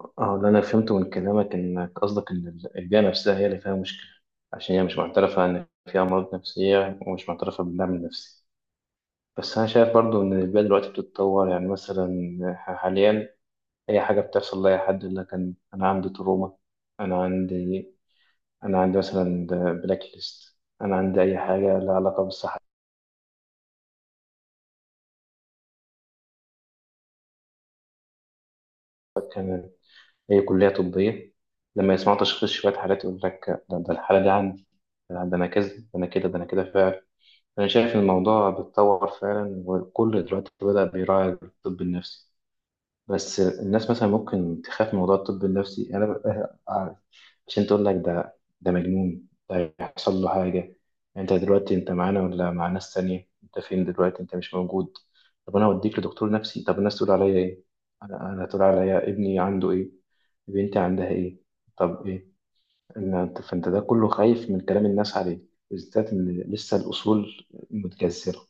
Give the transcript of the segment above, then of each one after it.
اه ده انا فهمته من كلامك انك قصدك ان البيئه نفسها هي اللي فيها مشكله، عشان هي مش معترفه ان فيها امراض نفسيه ومش معترفه بالدعم النفسي. بس انا شايف برضو ان البيئه دلوقتي بتتطور، يعني مثلا حاليا اي حاجه بتحصل لاي حد يقول لك أنا عندي تروما، انا عندي انا عندي مثلا بلاك ليست، انا عندي اي حاجه لها علاقه بالصحه. أنا اي كليه طبيه لما يسمعوا تشخيص شويه حالات يقول لك ده الحاله دي عندي، ده انا كذا ده انا كده ده انا كده فعلا. أنا شايف الموضوع بيتطور فعلا، وكل دلوقتي بدأ بيراعي الطب النفسي. بس الناس مثلا ممكن تخاف من موضوع الطب النفسي، عشان تقول لك ده مجنون، ده هيحصل له حاجة. أنت دلوقتي أنت معانا ولا مع ناس تانية؟ أنت فين دلوقتي؟ أنت مش موجود. طب أنا أوديك لدكتور نفسي، طب الناس تقول عليا إيه؟ أنا تقول عليا ابني عنده إيه؟ بنتي عندها إيه؟ طب إيه؟ فأنت ده كله خايف من كلام الناس عليه، بالذات إن لسه الأصول متجذرة.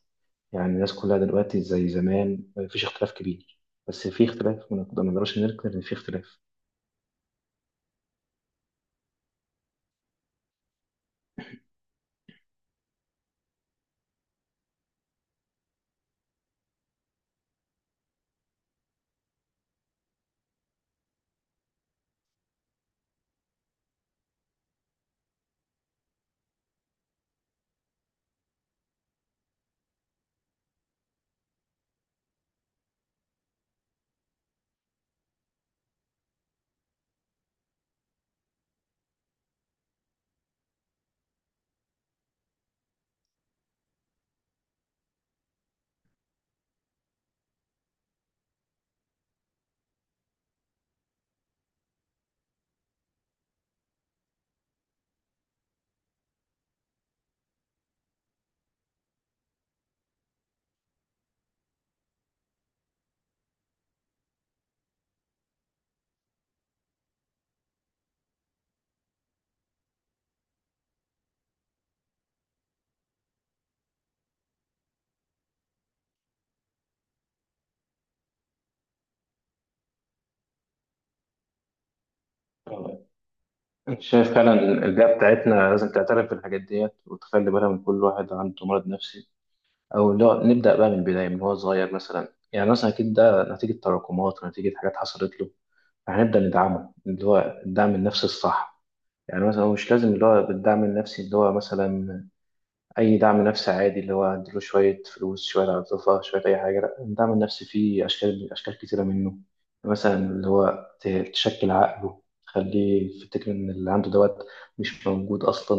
يعني الناس كلها دلوقتي زي زمان، مفيش اختلاف كبير، بس في اختلاف، ما نقدرش ننكر ان في اختلاف. آه، انت شايف فعلا البيئة بتاعتنا لازم تعترف بالحاجات ديت وتخلي بالها من كل واحد عنده مرض نفسي، او لا نبدأ بقى من البداية من هو صغير، مثلا يعني مثلا اكيد ده نتيجة تراكمات ونتيجة حاجات حصلت له، فهنبدأ ندعمه اللي هو الدعم النفسي الصح. يعني مثلا هو مش لازم اللي هو بالدعم النفسي اللي هو مثلا أي دعم نفسي عادي اللي هو أديله شوية فلوس، شوية عاطفة، شوية أي حاجة، لأ الدعم النفسي فيه أشكال، أشكال كتيرة منه. مثلا اللي هو تشكل عقله، تخليه يفتكر إن اللي عنده دوت مش موجود أصلا.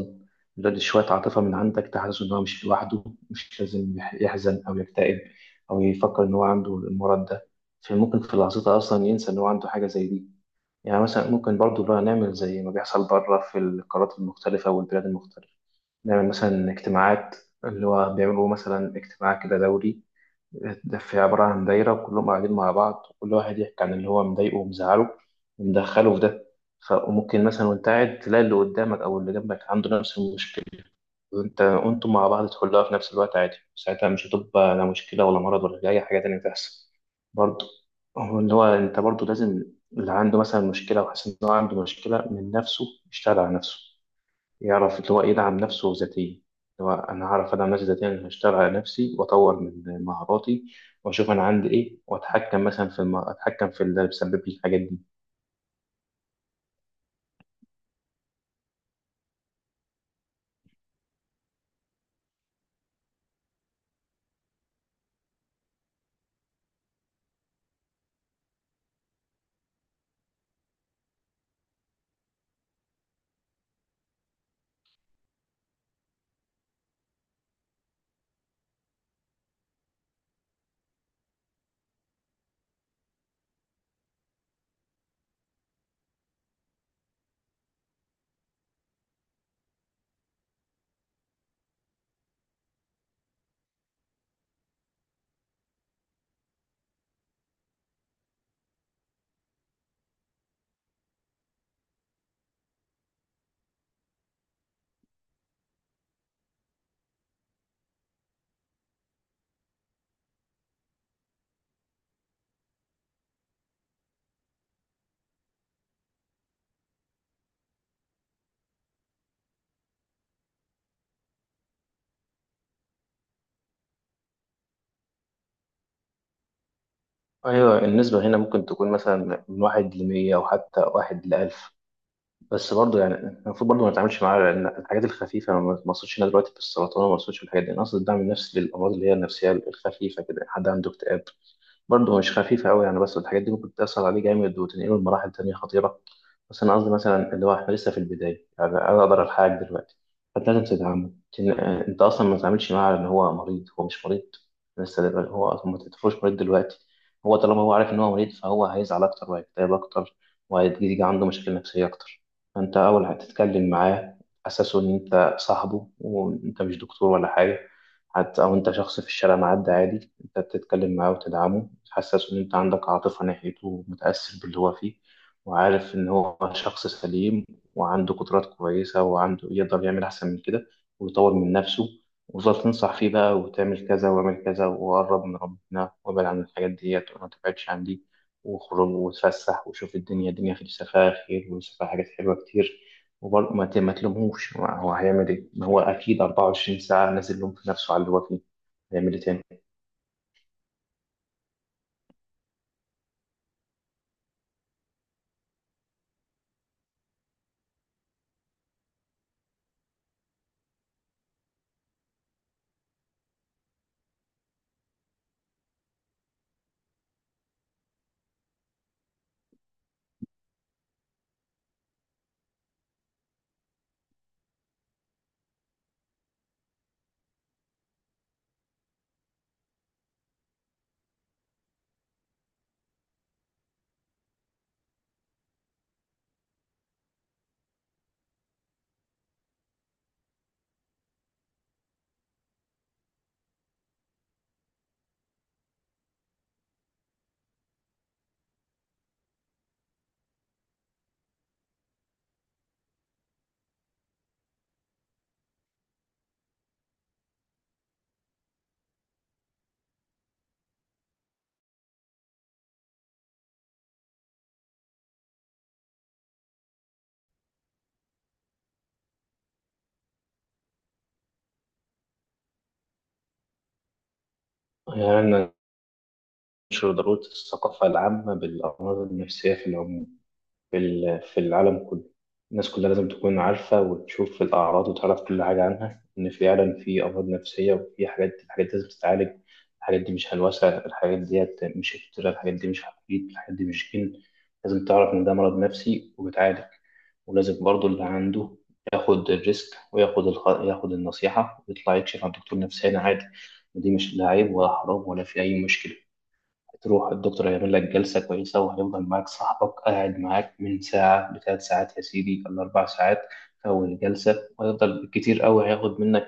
اللي هو دي شوية عاطفة من عندك تحسسه إن هو مش لوحده، مش لازم يحزن أو يكتئب، أو يفكر إن هو عنده المرض ده. فممكن في لحظتها أصلا ينسى إن هو عنده حاجة زي دي. يعني مثلا ممكن برضه اللي هو نعمل زي ما بيحصل بره في القارات المختلفة والبلاد المختلفة، نعمل مثلا اجتماعات، اللي هو بيعملوا مثلا اجتماع كده دوري، ده في عبارة عن دايرة وكلهم قاعدين مع بعض، وكل واحد يحكي عن اللي هو مضايقه ومزعله ومدخله في ده. وممكن مثلا وانت قاعد تلاقي اللي قدامك او اللي جنبك عنده نفس المشكلة، وانت وانتم مع بعض تحلها في نفس الوقت عادي. ساعتها مش هتبقى لا مشكلة ولا مرض ولا أي حاجة تانية تحصل. برضه هو اللي هو انت برضه لازم، اللي عنده مثلا مشكلة وحاسس ان هو عنده مشكلة من نفسه يشتغل على نفسه، يعرف اللي هو يدعم نفسه ذاتيا. اللي هو أنا هعرف أدعم نفسي ذاتيا، أنا هشتغل على نفسي وأطور من مهاراتي، وأشوف أنا عندي إيه، وأتحكم مثلا في أتحكم في اللي بيسبب لي الحاجات دي. أيوة، النسبة هنا ممكن تكون مثلا من واحد لمية أو حتى واحد لألف، بس برضه يعني المفروض برضه ما نتعاملش معاها، لأن الحاجات الخفيفة أنا ما اقصدش هنا دلوقتي في السرطان، وما اقصدش في الحاجات دي، أنا أقصد الدعم النفسي للأمراض اللي هي النفسية الخفيفة كده، حد عنده اكتئاب. برضه مش خفيفة أوي يعني، بس الحاجات دي ممكن تأثر عليه جامد وتنقله لمراحل تانية خطيرة. بس أنا قصدي مثلا اللي هو إحنا لسه في البداية، يعني أنا أقدر ألحقك دلوقتي. فأنت لازم تتعامل أنت أصلا ما تتعاملش معاه على إن هو مريض، هو مش مريض لسه هو أصلا، ما تعتبروش مريض دلوقتي. هو طالما هو عارف إن هو مريض فهو هيزعل أكتر وهيكتئب أكتر، وهيجي عنده مشاكل نفسية أكتر. فأنت أول هتتكلم معاه أساسه إن أنت صاحبه وأنت مش دكتور ولا حاجة، حتى أو أنت شخص في الشارع معدي عادي، أنت بتتكلم معاه وتدعمه، تحسسه إن أنت عندك عاطفة ناحيته ومتأثر باللي هو فيه، وعارف إن هو شخص سليم وعنده قدرات كويسة، وعنده يقدر يعمل أحسن من كده ويطور من نفسه. وتفضل تنصح فيه بقى وتعمل كذا واعمل كذا وقرب من ربنا وابعد عن الحاجات ديت وما تبعدش عن دي، وخرج وتفسح وشوف الدنيا، الدنيا في فيها خير وفيها حاجات حلوة كتير. وبرضه ما تلومهوش، ما هو هيعمل ايه؟ ما هو اكيد 24 ساعه نازل لوم في نفسه على اللي هو فيه، هيعمل ايه تاني؟ يعني ننشر ضروره الثقافه العامه بالامراض النفسيه في العموم، في في العالم كله. الناس كلها لازم تكون عارفة وتشوف الأعراض وتعرف كل حاجة عنها، إن فعلا في أمراض نفسية وفي حاجات، الحاجات دي لازم تتعالج. الحاجات دي مش هلوسة، الحاجات ديت مش افتراء، الحاجات دي مش عفريت، الحاجات دي مش جن. لازم تعرف إن ده مرض نفسي وبيتعالج. ولازم برضو اللي عنده ياخد الريسك وياخد ياخد النصيحة ويطلع يكشف عن دكتور نفساني عادي. ودي مش لا عيب ولا حرام ولا في أي مشكلة. هتروح الدكتور هيعمل لك جلسة كويسة، وهيفضل معاك صاحبك قاعد معاك من ساعة لثلاث ساعات يا سيدي ولا أربع ساعات في أول الجلسة. وهيفضل بالكتير أوي هياخد منك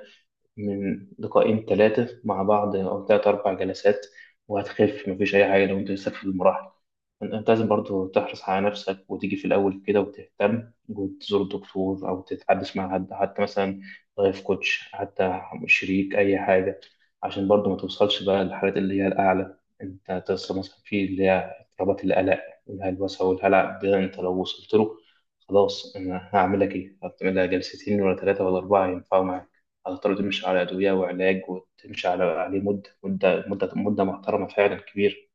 من لقاءين ثلاثة مع بعض أو ثلاث أربع جلسات وهتخف، مفيش أي حاجة. لو أنت لسه في المراحل، أنت لازم برضو تحرص على نفسك وتيجي في الأول كده وتهتم، وتزور دكتور أو تتحدث مع حد حتى، مثلا لايف كوتش حتى، شريك، أي حاجة، عشان برضو ما توصلش بقى للحالات اللي هي الأعلى. أنت توصل مثلا في اللي هي اضطرابات القلق والهلوسة والهلع، ده أنت لو وصلت له خلاص أنا هعمل لك إيه؟ هعمل لها جلستين ولا ثلاثة ولا أربعة ينفعوا معاك، هتضطر تمشي على أدوية وعلاج، وتمشي على عليه مدة مدة مدة مدة محترمة فعلا كبيرة.